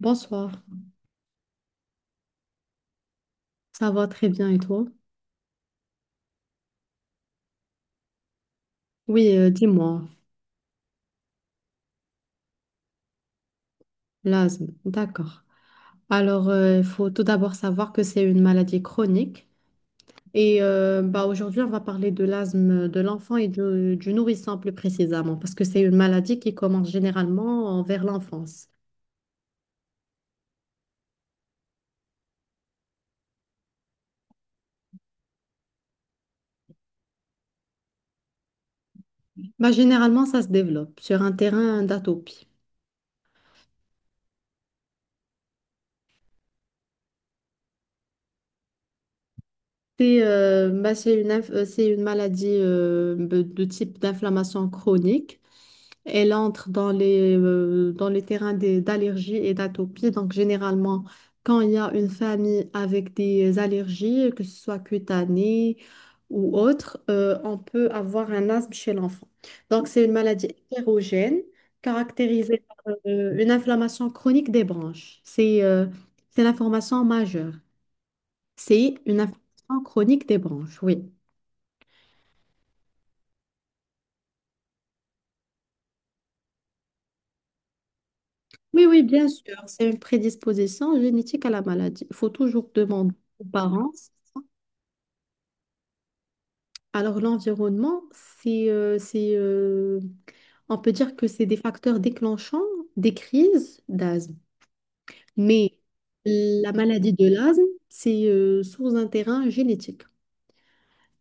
Bonsoir, ça va très bien et toi? Oui, dis-moi, l'asthme, d'accord. Alors, il faut tout d'abord savoir que c'est une maladie chronique et bah, aujourd'hui, on va parler de l'asthme de l'enfant et du nourrisson plus précisément parce que c'est une maladie qui commence généralement vers l'enfance. Bah, généralement, ça se développe sur un terrain d'atopie. C'est bah, c'est une maladie de type d'inflammation chronique. Elle entre dans les terrains d'allergies et d'atopies. Donc, généralement, quand il y a une famille avec des allergies, que ce soit cutanées ou autres, on peut avoir un asthme chez l'enfant. Donc, c'est une maladie hétérogène caractérisée par une inflammation chronique des branches. C'est l'information majeure. C'est une inflammation chronique des branches, oui. Oui, oui, bien sûr, c'est une prédisposition génétique à la maladie. Il faut toujours demander aux parents. Alors, l'environnement, on peut dire que c'est des facteurs déclenchants des crises d'asthme. Mais la maladie de l'asthme, c'est sur un terrain génétique.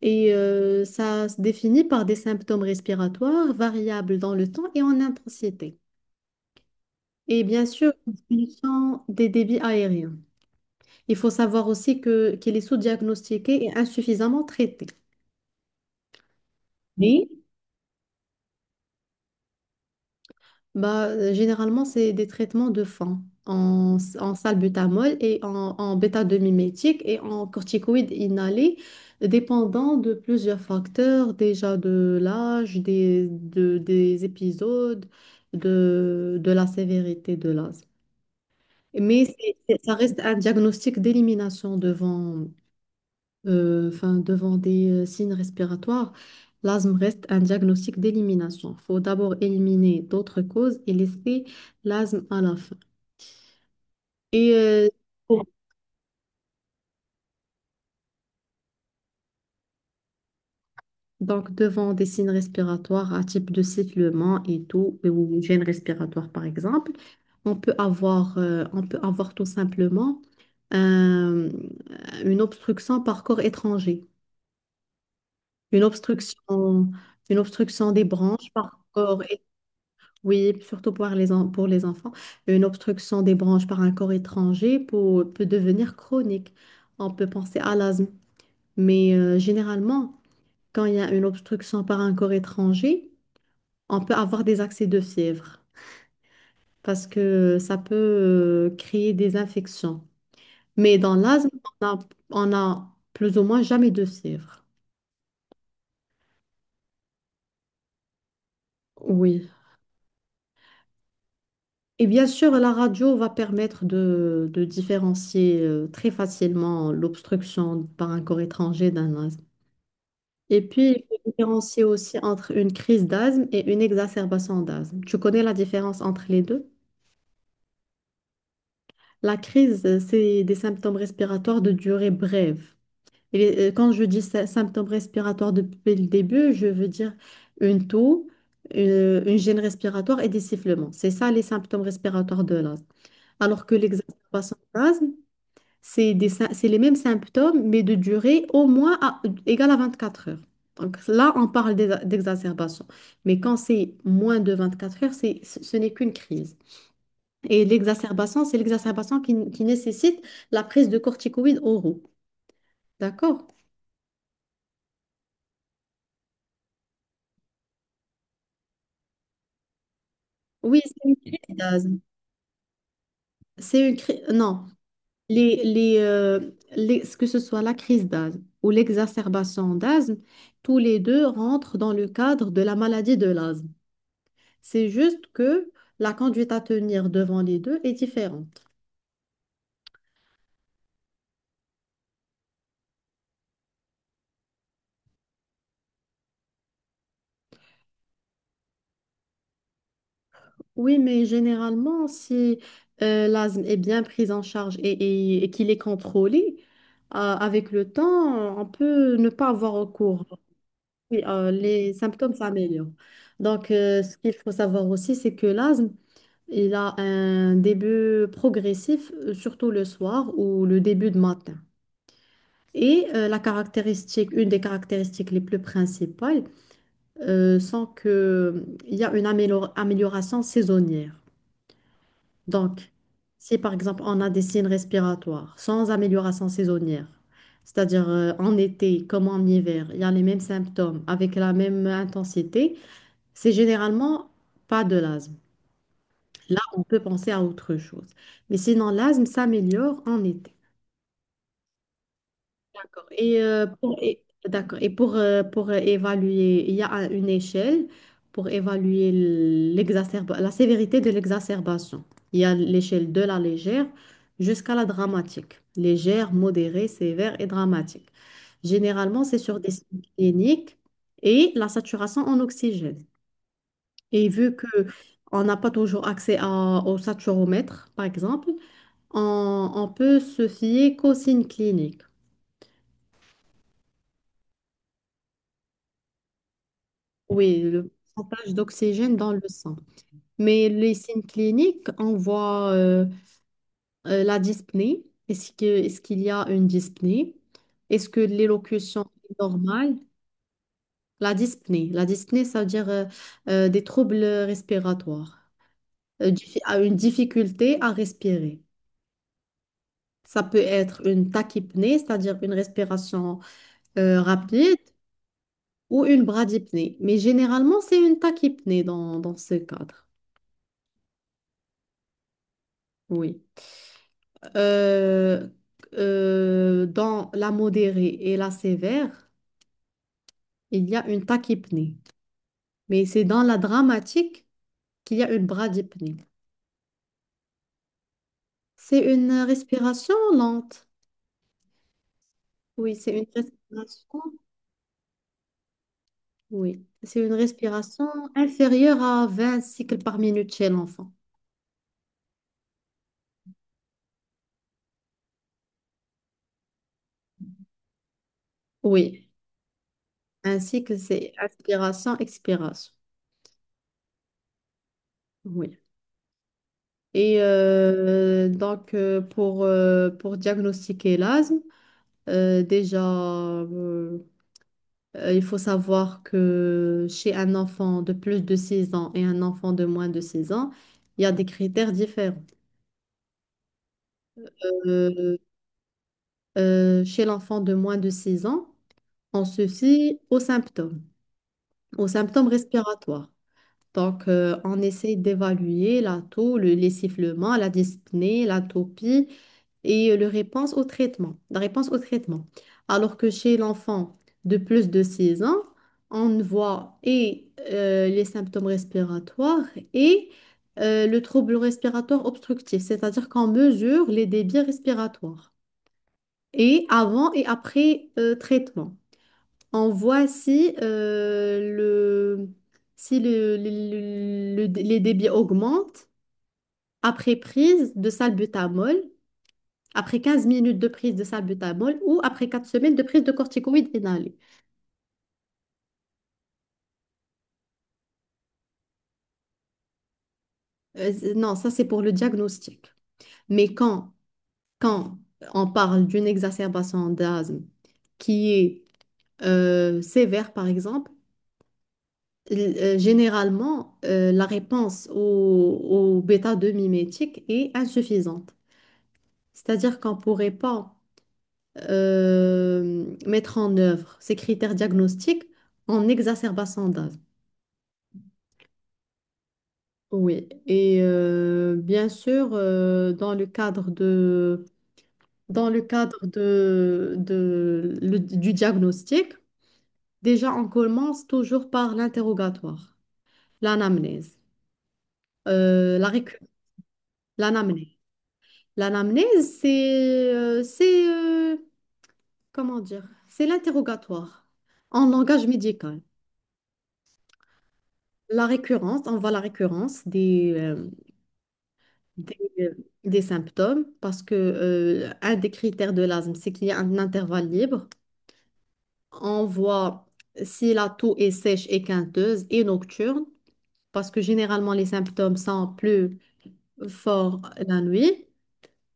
Et ça se définit par des symptômes respiratoires variables dans le temps et en intensité. Et bien sûr, une diminution des débits aériens. Il faut savoir aussi qu'elle est sous-diagnostiquée et insuffisamment traitée. Oui. Bah, généralement, c'est des traitements de fond en salbutamol et en bêta-2-mimétique et en corticoïdes inhalés, dépendant de plusieurs facteurs, déjà de l'âge, des épisodes, de la sévérité de l'asthme. Mais ça reste un diagnostic d'élimination devant, enfin, devant des signes respiratoires, l'asthme reste un diagnostic d'élimination. Il faut d'abord éliminer d'autres causes et laisser l'asthme à la fin. Et euh, pour- donc, devant des signes respiratoires à type de sifflement et tout, ou gêne respiratoire par exemple, on peut avoir tout simplement euh, une obstruction par corps étranger, une obstruction, une obstruction des branches par corps Oui, surtout pour les enfants, une obstruction des branches par un corps étranger peut devenir chronique. On peut penser à l'asthme, mais généralement, quand il y a une obstruction par un corps étranger, on peut avoir des accès de fièvre parce que ça peut créer des infections. Mais dans l'asthme, on a, on a plus ou moins jamais de fièvre. Oui. Et bien sûr, la radio va permettre de différencier très facilement l'obstruction par un corps étranger d'un asthme. Et puis, il faut différencier aussi entre une crise d'asthme et une exacerbation d'asthme. Tu connais la différence entre les deux? La crise, c'est des symptômes respiratoires de durée brève. Quand je dis symptômes respiratoires depuis le début, je veux dire une toux, une gêne respiratoire et des sifflements. C'est ça les symptômes respiratoires de l'asthme. Alors que l'exacerbation d'asthme, c'est les mêmes symptômes, mais de durée au moins égale à 24 heures. Donc là, on parle d'exacerbation. Mais quand c'est moins de 24 heures, c'est, ce ce n'est qu'une crise. Et l'exacerbation, c'est l'exacerbation qui nécessite la prise de corticoïdes oraux. D'accord? Oui, c'est une crise d'asthme. Non, les, les, euh, que ce soit la crise d'asthme ou l'exacerbation d'asthme, tous les deux rentrent dans le cadre de la maladie de l'asthme. C'est juste que la conduite à tenir devant les deux est différente. Oui, mais généralement, si l'asthme est bien pris en charge et qu'il est contrôlé, avec le temps, on peut ne pas avoir recours. Oui, les symptômes s'améliorent. Donc, ce qu'il faut savoir aussi, c'est que l'asthme, il a un début progressif, surtout le soir ou le début de matin. La caractéristique, une des caractéristiques les plus principales, sans que il y a une amélioration saisonnière. Donc, si par exemple on a des signes respiratoires sans amélioration saisonnière, c'est-à-dire en été comme en hiver, il y a les mêmes symptômes avec la même intensité, c'est généralement pas de l'asthme. Là, on peut penser à autre chose. Mais sinon, l'asthme s'améliore en été. D'accord. D'accord. Et pour évaluer, il y a une échelle pour évaluer la sévérité de l'exacerbation. Il y a l'échelle de la légère jusqu'à la dramatique. Légère, modérée, sévère et dramatique. Généralement, c'est sur des signes cliniques et la saturation en oxygène. Et vu que on n'a pas toujours accès au saturomètre, par exemple, on peut se fier qu'aux signes cliniques. Oui, le pourcentage d'oxygène dans le sang. Mais les signes cliniques, on voit la dyspnée. Est-ce qu'il y a une dyspnée? Est-ce que l'élocution est normale? La dyspnée. La dyspnée, ça veut dire des troubles respiratoires, diffi- à une difficulté à respirer. Ça peut être une tachypnée, c'est-à-dire une respiration rapide, ou une bradypnée. Mais généralement, c'est une tachypnée dans ce cadre. Oui. euh, dans la modérée et la sévère, il y a une tachypnée. Mais c'est dans la dramatique qu'il y a une bradypnée. C'est une respiration lente. Oui, c'est une respiration. Oui, c'est une respiration inférieure à 20 cycles par minute chez l'enfant. Oui, ainsi que c'est inspiration, expiration. Oui. Et donc, pour diagnostiquer l'asthme, déjà, il faut savoir que chez un enfant de plus de 6 ans et un enfant de moins de 6 ans, il y a des critères différents. Euh, chez l'enfant de moins de 6 ans, on se fie aux symptômes respiratoires. Donc, on essaie d'évaluer la taux, les sifflements, la dyspnée, l'atopie et la réponse au traitement, la réponse au traitement. Alors que chez l'enfant de plus de 6 ans, on voit et les symptômes respiratoires et le trouble respiratoire obstructif, c'est-à-dire qu'on mesure les débits respiratoires et avant et après traitement. On voit si, le, si le, le- les débits augmentent après prise de salbutamol, après 15 minutes de prise de salbutamol ou après 4 semaines de prise de corticoïdes inhalés. Non, ça c'est pour le diagnostic. Mais quand, quand on parle d'une exacerbation d'asthme qui est sévère, par exemple, généralement, la réponse au bêta-2 mimétique est insuffisante. C'est-à-dire qu'on ne pourrait pas mettre en œuvre ces critères diagnostiques en exacerbation d'asthme. Oui, et bien sûr, dans le cadre du diagnostic, déjà on commence toujours par l'interrogatoire, l'anamnèse, euh, la récu- l'anamnèse. L'anamnèse, comment dire, c'est l'interrogatoire en langage médical. La récurrence, on voit la récurrence des, euh, des symptômes parce que un des critères de l'asthme, c'est qu'il y a un intervalle libre. On voit si la toux est sèche et quinteuse et nocturne parce que généralement les symptômes sont plus forts la nuit.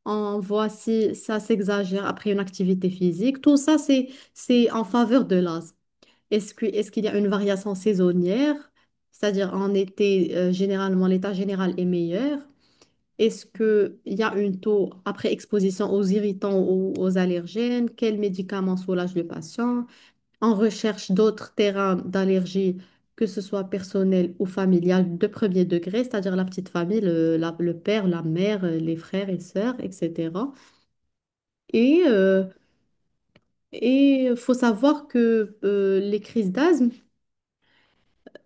On voit si ça s'exagère après une activité physique. Tout ça, c'est en faveur de l'asthme. Est-ce qu'il y a une variation saisonnière? C'est-à-dire en été, généralement, l'état général est meilleur. Est-ce qu'il y a une taux après exposition aux irritants ou aux allergènes? Quels médicaments soulagent le patient? On recherche d'autres terrains d'allergie, que ce soit personnel ou familial, de premier degré, c'est-à-dire la petite famille, le père, la mère, les frères et sœurs, etc. Et euh, et faut savoir que les crises d'asthme,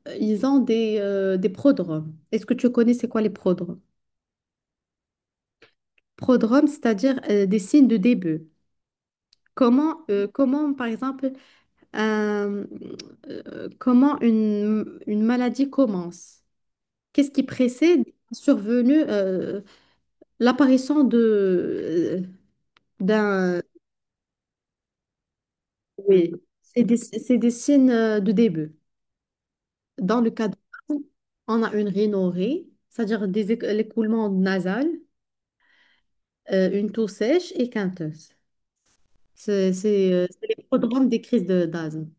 ils ont des prodromes. Est-ce que tu connais c'est quoi les prodromes? Prodromes, c'est-à-dire des signes de début. Comment, comment, par exemple, un- comment une maladie commence? Qu'est-ce qui précède la survenue, l'apparition d'un... Oui, c'est des signes de début. Dans le cas de... On a une rhinorrhée, c'est-à-dire l'écoulement nasal, une toux sèche et quinteuse. C'est les prodromes des crises d'asthme.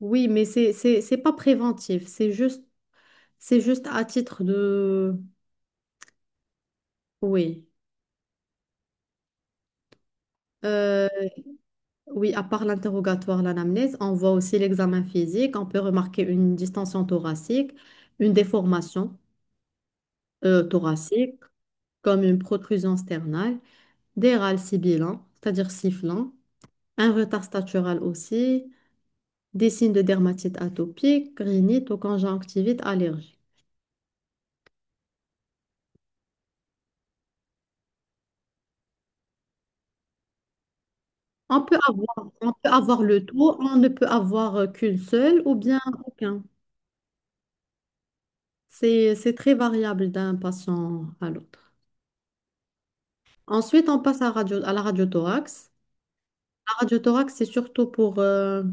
Oui, mais c'est pas préventif, c'est juste à titre de... Oui. Euh, oui, à part l'interrogatoire, l'anamnèse, on voit aussi l'examen physique. On peut remarquer une distension thoracique, une déformation thoracique, comme une protrusion sternale, des râles sibilants, c'est-à-dire sifflants, un retard statural aussi, des signes de dermatite atopique, rhinite ou conjonctivite allergique. On peut avoir le tout, on ne peut avoir qu'une seule ou bien aucun. C'est très variable d'un patient à l'autre. Ensuite, on passe à la radiothorax. La radiothorax, c'est surtout pour, euh,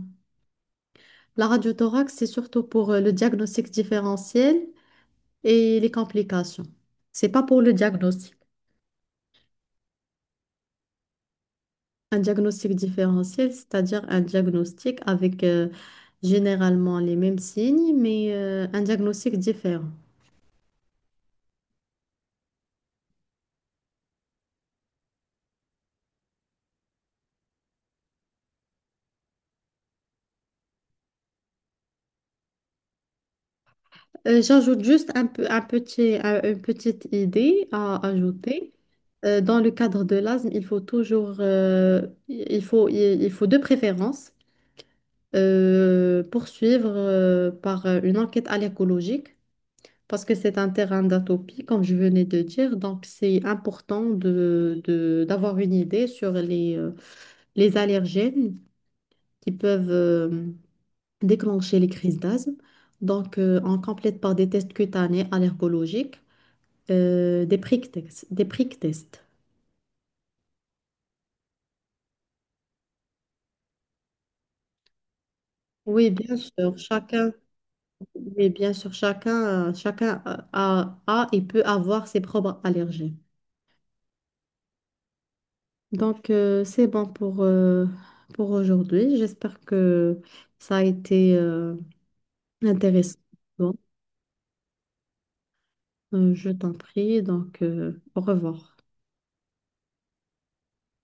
la radiothorax, c'est surtout pour euh, le diagnostic différentiel et les complications. C'est pas pour le diagnostic. Un diagnostic différentiel, c'est-à-dire un diagnostic avec généralement les mêmes signes, mais un diagnostic différent. J'ajoute juste un peu, un petit, un- une petite idée à ajouter. Dans le cadre de l'asthme, il faut toujours, il faut de préférence poursuivre par une enquête allergologique parce que c'est un terrain d'atopie, comme je venais de dire. Donc, c'est important d'avoir une idée sur les allergènes qui peuvent déclencher les crises d'asthme. Donc, on complète par des tests cutanés allergologiques. Des prick tests, des prick tests. Oui, bien sûr, chacun, oui, bien sûr, chacun, chacun a et peut avoir ses propres allergies. Donc, c'est bon pour aujourd'hui. J'espère que ça a été intéressant. Bon, je t'en prie, donc au revoir.